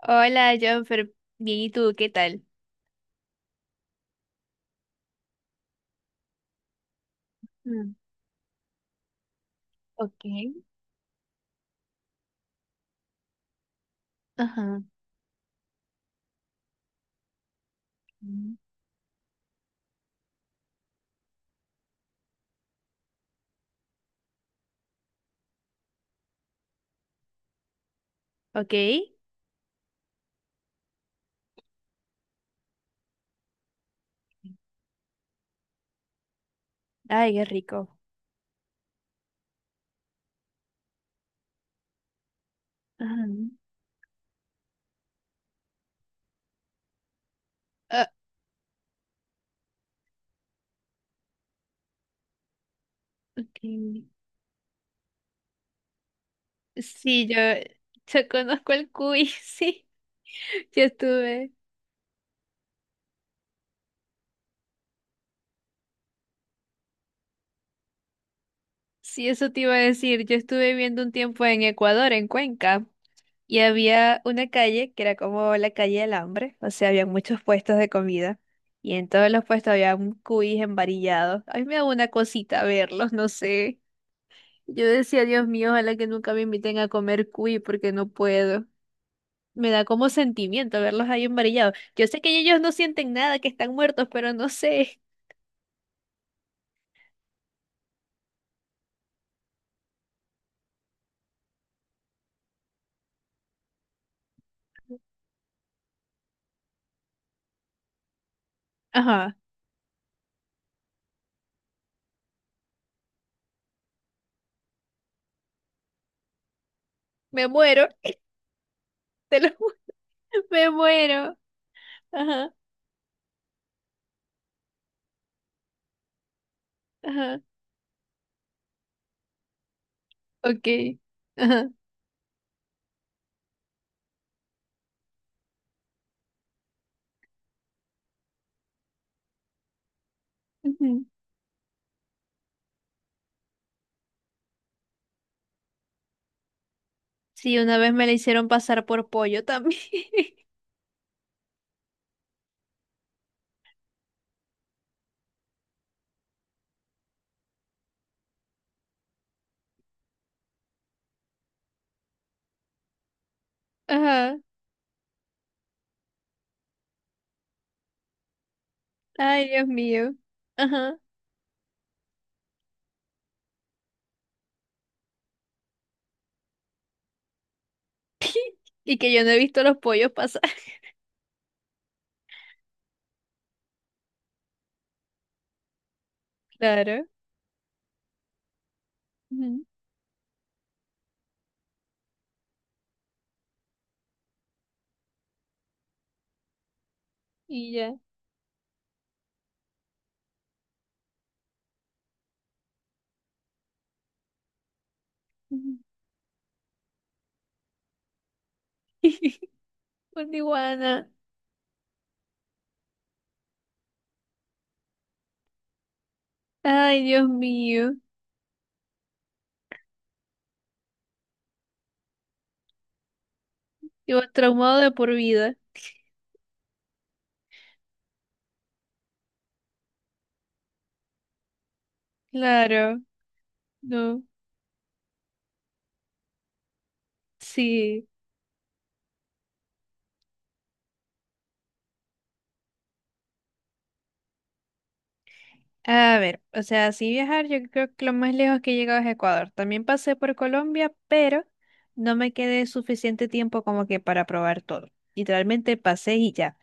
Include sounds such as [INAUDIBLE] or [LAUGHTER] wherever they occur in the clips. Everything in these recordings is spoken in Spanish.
Hola, Jonfer. Bien, ¿y tú? ¿Qué tal? Mm, ok. Ajá. Ok, ok. Ay, qué rico. Ajá. Ah, ok. Sí, yo conozco el cuy, [LAUGHS] sí. Yo estuve, sí, eso te iba a decir. Yo estuve viviendo un tiempo en Ecuador, en Cuenca, y había una calle que era como la calle del hambre, o sea, había muchos puestos de comida, y en todos los puestos había un cuy embarillado. A mí me da una cosita verlos, no sé. Yo decía, Dios mío, ojalá que nunca me inviten a comer cuy porque no puedo. Me da como sentimiento verlos ahí embarillados. Yo sé que ellos no sienten nada, que están muertos, pero no sé. Ajá, me muero. [LAUGHS] Te lo ju- me muero. Ajá, ajá, ok. Ajá. Ujú. Sí, una vez me la hicieron pasar por pollo también. [LAUGHS] Ajá. Ay, Dios mío. Ajá. Y que yo no he visto los pollos pasar. [LAUGHS] Claro. Ujú, y ya. Ujú. [LAUGHS] Una iguana. Ay, Dios mío. Yo traumado de por vida. Claro, no. Sí. A ver, o sea, sí viajar, yo creo que lo más lejos que he llegado es Ecuador. También pasé por Colombia, pero no me quedé suficiente tiempo como que para probar todo. Literalmente pasé y ya.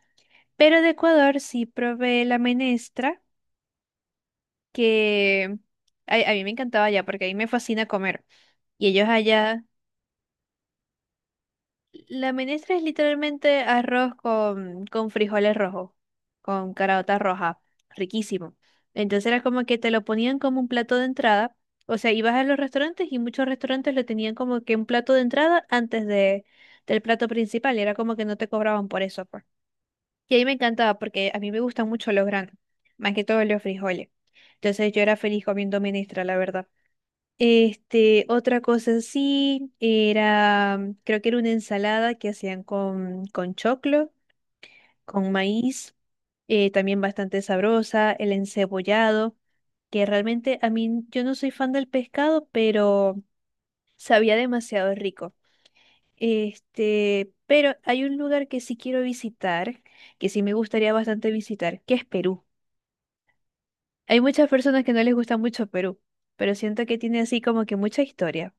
Pero de Ecuador sí probé la menestra, que ay, a mí me encantaba allá porque a mí me fascina comer. Y ellos allá la menestra es literalmente arroz con frijoles rojos, con caraotas rojas, riquísimo. Entonces era como que te lo ponían como un plato de entrada. O sea, ibas a los restaurantes y muchos restaurantes lo tenían como que un plato de entrada antes de, del plato principal. Y era como que no te cobraban por eso, pues. Y a mí me encantaba porque a mí me gustan mucho los granos, más que todo los frijoles. Entonces yo era feliz comiendo menestra, la verdad. Este, otra cosa sí, era, creo que era una ensalada que hacían con choclo, con maíz, también bastante sabrosa, el encebollado, que realmente a mí yo no soy fan del pescado, pero sabía demasiado rico. Este, pero hay un lugar que sí quiero visitar, que sí me gustaría bastante visitar, que es Perú. Hay muchas personas que no les gusta mucho Perú, pero siento que tiene así como que mucha historia.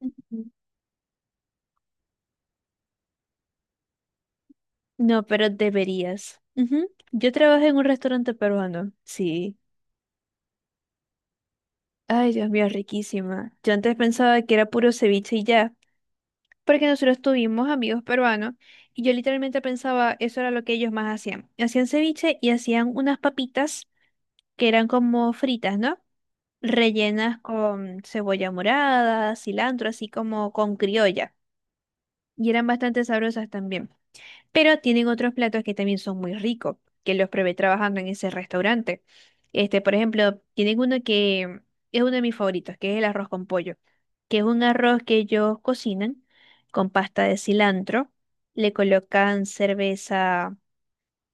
Ujú. No, pero deberías. Ujú. Yo trabajé en un restaurante peruano. Sí. Ay, Dios mío, riquísima. Yo antes pensaba que era puro ceviche y ya, porque nosotros tuvimos amigos peruanos y yo literalmente pensaba eso era lo que ellos más hacían. Hacían ceviche y hacían unas papitas que eran como fritas, ¿no? Rellenas con cebolla morada, cilantro, así como con criolla. Y eran bastante sabrosas también. Pero tienen otros platos que también son muy ricos, que los probé trabajando en ese restaurante. Este, por ejemplo, tienen uno que es uno de mis favoritos, que es el arroz con pollo, que es un arroz que ellos cocinan con pasta de cilantro, le colocan cerveza,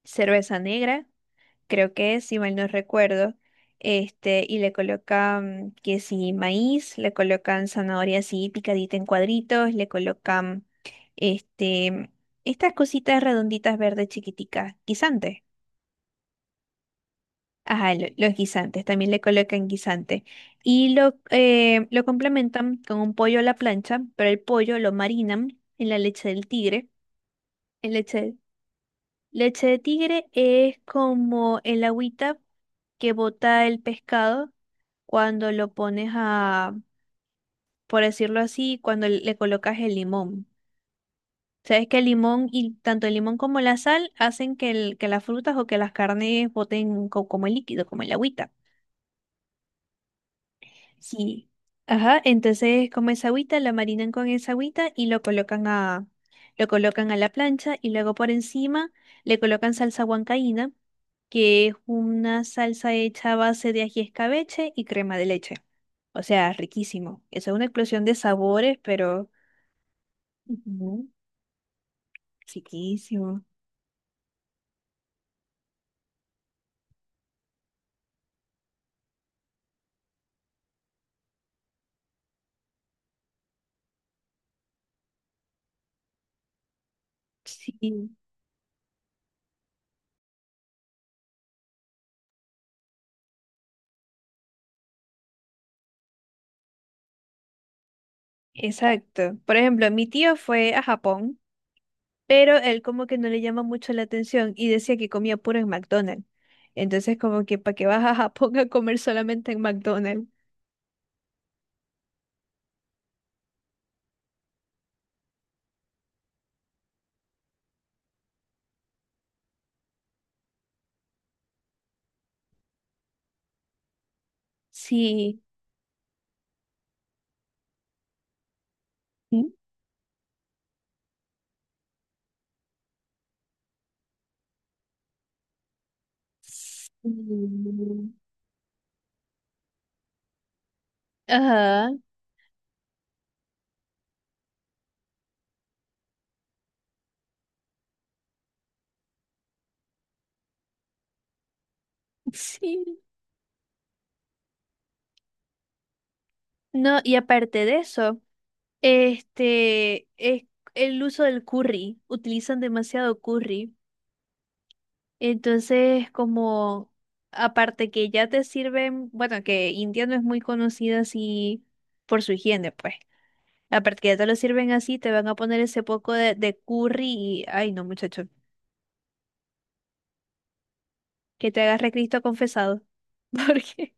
cerveza negra creo que si mal no recuerdo, este, y le colocan que si maíz, le colocan zanahoria así picadita en cuadritos, le colocan este, estas cositas redonditas verdes chiquiticas, guisantes. Ajá, lo- los guisantes, también le colocan guisante. Y lo complementan con un pollo a la plancha, pero el pollo lo marinan en la leche del tigre, en leche. Leche de tigre es como el agüita que bota el pescado cuando lo pones a, por decirlo así, cuando le colocas el limón. Sabes que el limón y tanto el limón como la sal hacen que, el- que las frutas o que las carnes boten co- como el líquido, como el agüita. Sí. Ajá, entonces como esa agüita, la marinan con esa agüita y lo colocan a la plancha y luego por encima le colocan salsa huancaína, que es una salsa hecha a base de ají escabeche y crema de leche. O sea, riquísimo. Eso es una explosión de sabores, pero ujú, riquísimo. Sí, exacto. Por ejemplo, mi tío fue a Japón, pero él como que no le llama mucho la atención y decía que comía puro en McDonald's. Entonces como que para que vas a Japón a comer solamente en McDonald's. Sí. Mm. Mm. Ajá. Sí. No, y aparte de eso, este es el uso del curry. Utilizan demasiado curry. Entonces, como aparte que ya te sirven, bueno, que India no es muy conocida así por su higiene, pues. Aparte que ya te lo sirven así, te van a poner ese poco de curry y, ay no, muchacho, que te agarre Cristo confesado. [LAUGHS] Porque,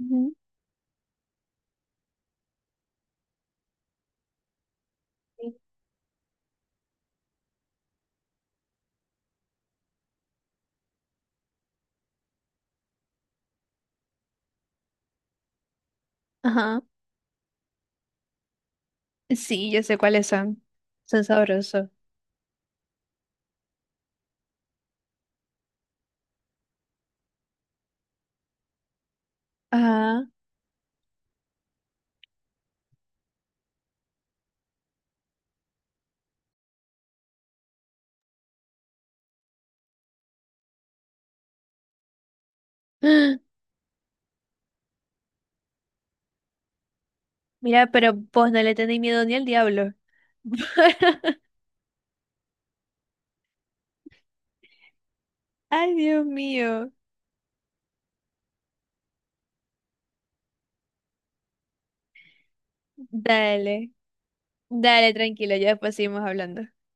ujú, ajá, sí, yo sé cuáles son. Son sabrosos. Ajá. [GASPS] Mira, pero vos no le tenéis miedo ni al diablo. [LAUGHS] Ay, Dios mío. Dale, dale, tranquilo, ya después seguimos hablando.